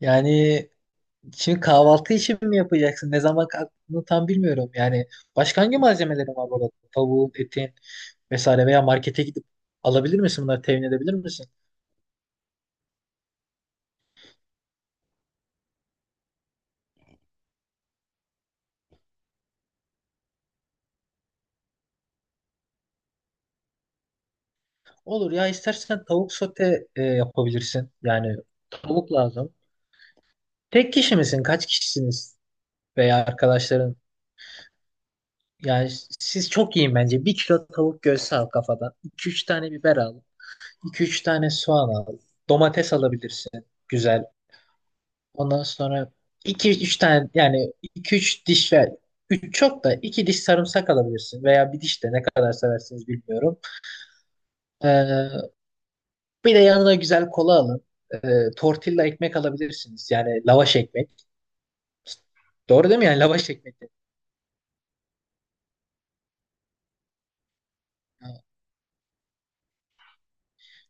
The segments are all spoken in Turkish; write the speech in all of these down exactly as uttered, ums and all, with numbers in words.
Yani şimdi kahvaltı için mi yapacaksın? Ne zaman kalktığını tam bilmiyorum. Yani başka hangi malzemelerin var burada? Tavuğun, etin vesaire, veya markete gidip alabilir misin, bunları temin edebilir misin? Olur, ya istersen tavuk sote e, yapabilirsin. Yani tavuk lazım. Tek kişi misin? Kaç kişisiniz? Veya arkadaşların? Yani siz çok yiyin bence. Bir kilo tavuk göğsü al kafadan. iki üç tane biber al. iki üç tane soğan al. Domates alabilirsin. Güzel. Ondan sonra iki üç tane, yani iki üç diş, ve üç çok da iki diş sarımsak alabilirsin, veya bir diş, de ne kadar seversiniz bilmiyorum. Ee, Bir de yanına güzel kola alın. Ee, tortilla ekmek alabilirsiniz. Yani lavaş ekmek. Doğru değil mi? Yani lavaş ekmek de. Ha.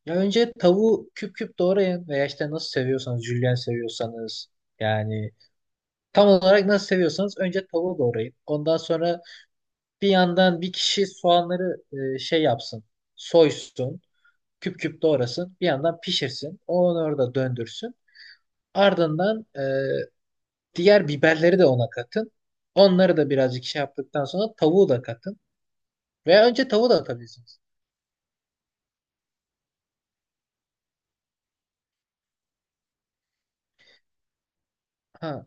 Ya önce tavuğu küp küp doğrayın, veya işte nasıl seviyorsanız, jülyen seviyorsanız, yani tam olarak nasıl seviyorsanız önce tavuğu doğrayın. Ondan sonra bir yandan bir kişi soğanları e, şey yapsın, soysun, küp küp doğrasın. Bir yandan pişirsin. Onu orada döndürsün. Ardından e, diğer biberleri de ona katın. Onları da birazcık şey yaptıktan sonra tavuğu da katın. Veya önce tavuğu da atabilirsiniz. Ha.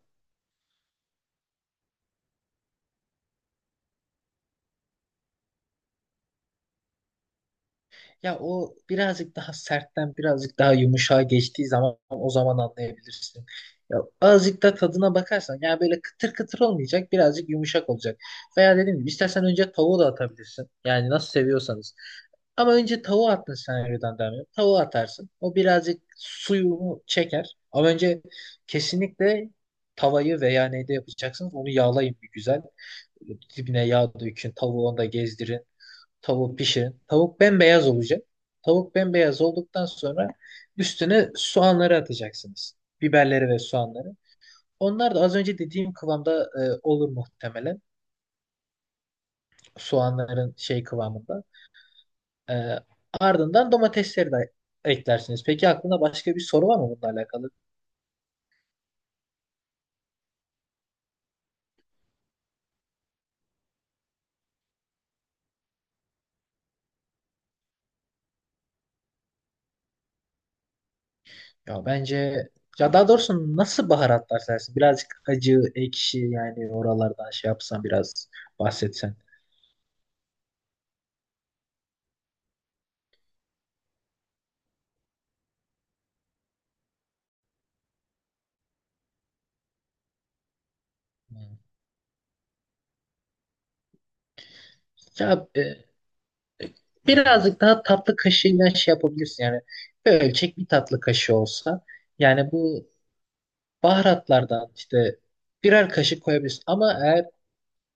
Ya o birazcık daha sertten birazcık daha yumuşağa geçtiği zaman, o zaman anlayabilirsin. Ya azıcık da tadına bakarsan, yani böyle kıtır kıtır olmayacak, birazcık yumuşak olacak. Veya dediğim gibi, istersen önce tavuğu da atabilirsin. Yani nasıl seviyorsanız. Ama önce tavuğu attın, senaryodan devam ediyorum. Tavuğu atarsın. O birazcık suyunu çeker. Ama önce kesinlikle tavayı veya neyde yapacaksınız onu yağlayın bir güzel. Dibine yağ dökün. Tavuğu onda gezdirin. Tavuk pişirin. Tavuk bembeyaz olacak. Tavuk bembeyaz olduktan sonra üstüne soğanları atacaksınız. Biberleri ve soğanları. Onlar da az önce dediğim kıvamda e, olur muhtemelen. Soğanların şey kıvamında. E, Ardından domatesleri de eklersiniz. Peki aklında başka bir soru var mı bununla alakalı? Ya bence, ya daha doğrusu, nasıl baharatlar sersin? Birazcık acı, ekşi, yani oralardan şey yapsan, biraz bahsetsen. Yani. Ya, e, birazcık daha tatlı kaşığıyla şey yapabilirsin. Yani bir ölçek, bir tatlı kaşığı olsa yani, bu baharatlardan işte birer kaşık koyabilirsin. Ama eğer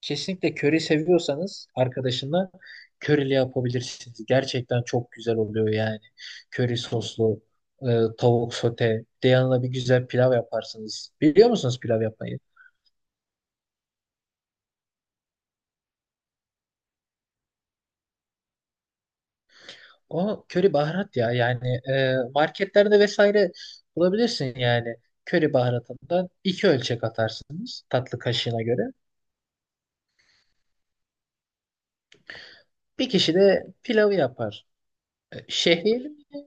kesinlikle köri seviyorsanız arkadaşınla, körili yapabilirsiniz. Gerçekten çok güzel oluyor yani. Köri soslu e, tavuk sote. Bir de yanına bir güzel pilav yaparsınız. Biliyor musunuz pilav yapmayı? O köri baharat ya, yani e, marketlerde vesaire bulabilirsin yani. Köri baharatından iki ölçek atarsınız, tatlı kaşığına göre. Bir kişi de pilavı yapar. E, Şehriyeli mi?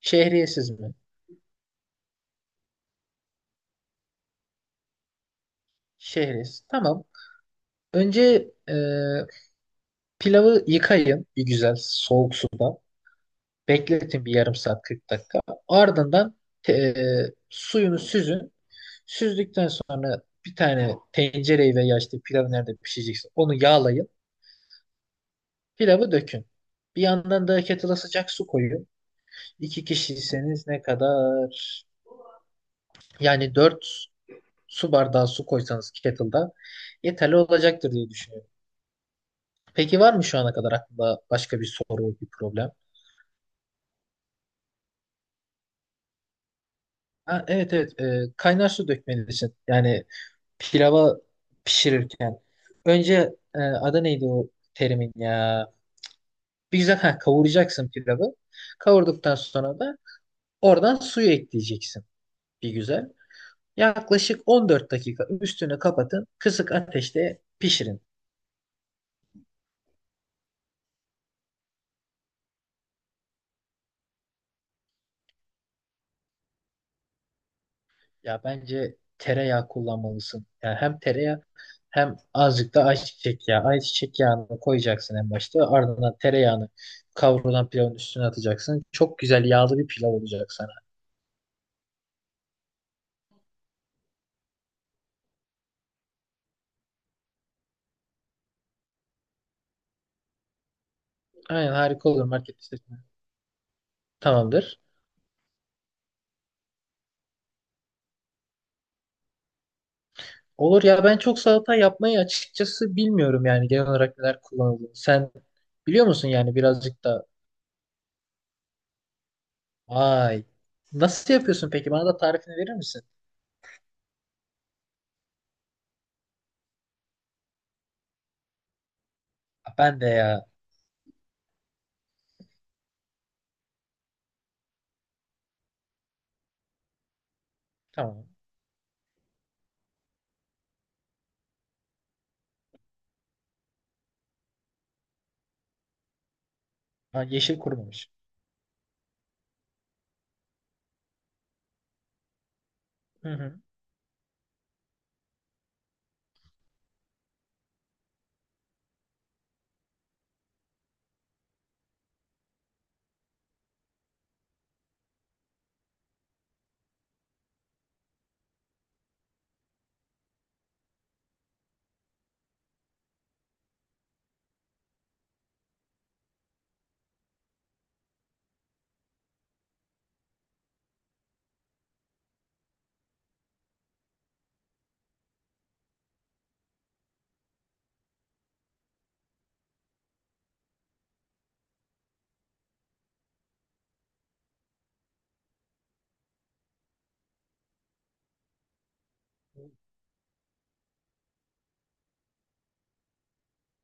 Şehriyesiz mi? Şehriyesiz. Tamam. Önce e, pilavı yıkayın bir güzel soğuk suda. Bekletin bir yarım saat kırk dakika. Ardından e, suyunu süzün. Süzdükten sonra bir tane tencereyi, ve ya işte pilavı nerede pişecekse onu yağlayın. Pilavı dökün. Bir yandan da kettle'a sıcak su koyun. İki kişiyseniz ne kadar? Yani dört su bardağı su koysanız kettle'da yeterli olacaktır diye düşünüyorum. Peki var mı şu ana kadar aklında başka bir soru, bir problem? Ha, evet evet. Ee, kaynar su dökmelisin. Yani pilava, pişirirken. Önce e, adı neydi o terimin ya? Bir güzel, ha, kavuracaksın pilavı. Kavurduktan sonra da oradan suyu ekleyeceksin bir güzel. Yaklaşık on dört dakika üstünü kapatın. Kısık ateşte pişirin. Ya bence tereyağı kullanmalısın. Yani hem tereyağı, hem azıcık da ayçiçek yağı. Ayçiçek yağını koyacaksın en başta. Ardından tereyağını kavrulan pilavın üstüne atacaksın. Çok güzel yağlı bir pilav olacak sana. Aynen, harika olur market listesine. Tamamdır. Olur, ya ben çok salata yapmayı açıkçası bilmiyorum, yani genel olarak neler kullanıldığını. Sen biliyor musun yani, birazcık da. Vay. Nasıl yapıyorsun peki? Bana da tarifini verir misin? Ben de ya. Tamam. Ha, yeşil kurumamış. Hı hı.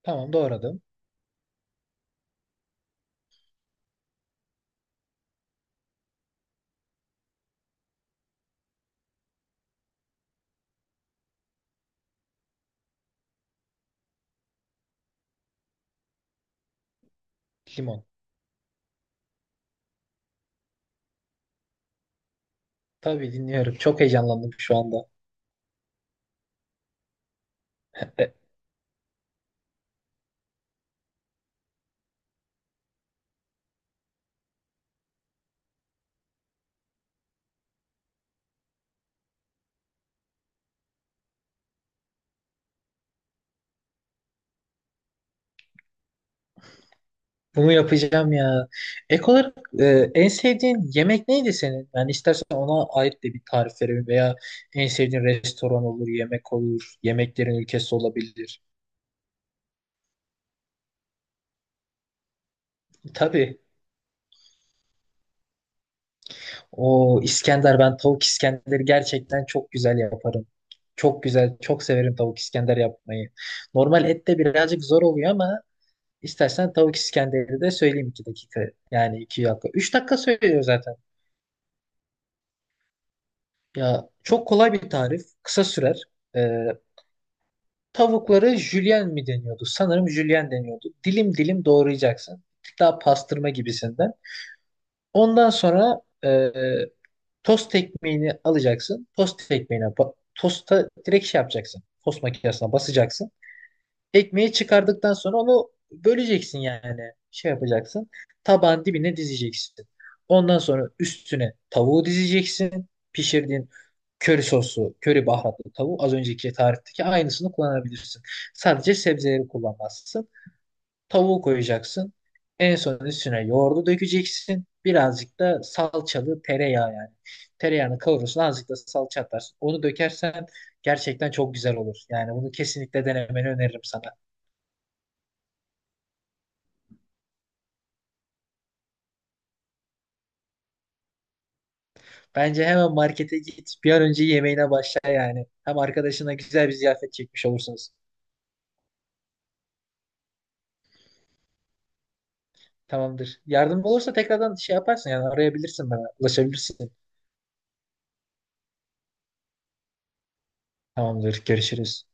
Tamam, doğradım. Limon. Tabii, dinliyorum. Çok heyecanlandım şu anda. E, Bunu yapacağım ya. Ek olarak e, en sevdiğin yemek neydi senin? Yani istersen ona ait de bir tarif verelim, veya en sevdiğin restoran olur, yemek olur, yemeklerin ülkesi olabilir. Tabii. O İskender, ben tavuk İskender'i gerçekten çok güzel yaparım. Çok güzel, çok severim tavuk İskender yapmayı. Normal et de birazcık zor oluyor ama. İstersen tavuk İskender'i de söyleyeyim, iki dakika. Yani iki dakika, üç dakika söylüyor zaten. Ya çok kolay bir tarif. Kısa sürer. Ee, Tavukları jülyen mi deniyordu? Sanırım jülyen deniyordu. Dilim dilim doğrayacaksın. Bir tık daha pastırma gibisinden. Ondan sonra e, tost ekmeğini alacaksın. Tost ekmeğine ba- tosta direkt şey yapacaksın. Tost makinesine basacaksın. Ekmeği çıkardıktan sonra onu böleceksin yani. Şey yapacaksın. Tabağın dibine dizeceksin. Ondan sonra üstüne tavuğu dizeceksin. Pişirdiğin köri soslu, köri baharatlı tavuğu, az önceki tarifteki aynısını kullanabilirsin. Sadece sebzeleri kullanmazsın. Tavuğu koyacaksın. En son üstüne yoğurdu dökeceksin. Birazcık da salçalı tereyağı yani. Tereyağını kavurursun, azıcık da salça atarsın. Onu dökersen gerçekten çok güzel olur. Yani bunu kesinlikle denemeni öneririm sana. Bence hemen markete git. Bir an önce yemeğine başla yani. Hem arkadaşına güzel bir ziyafet çekmiş olursunuz. Tamamdır. Yardım olursa tekrardan şey yaparsın yani, arayabilirsin bana. Ulaşabilirsin. Tamamdır. Görüşürüz.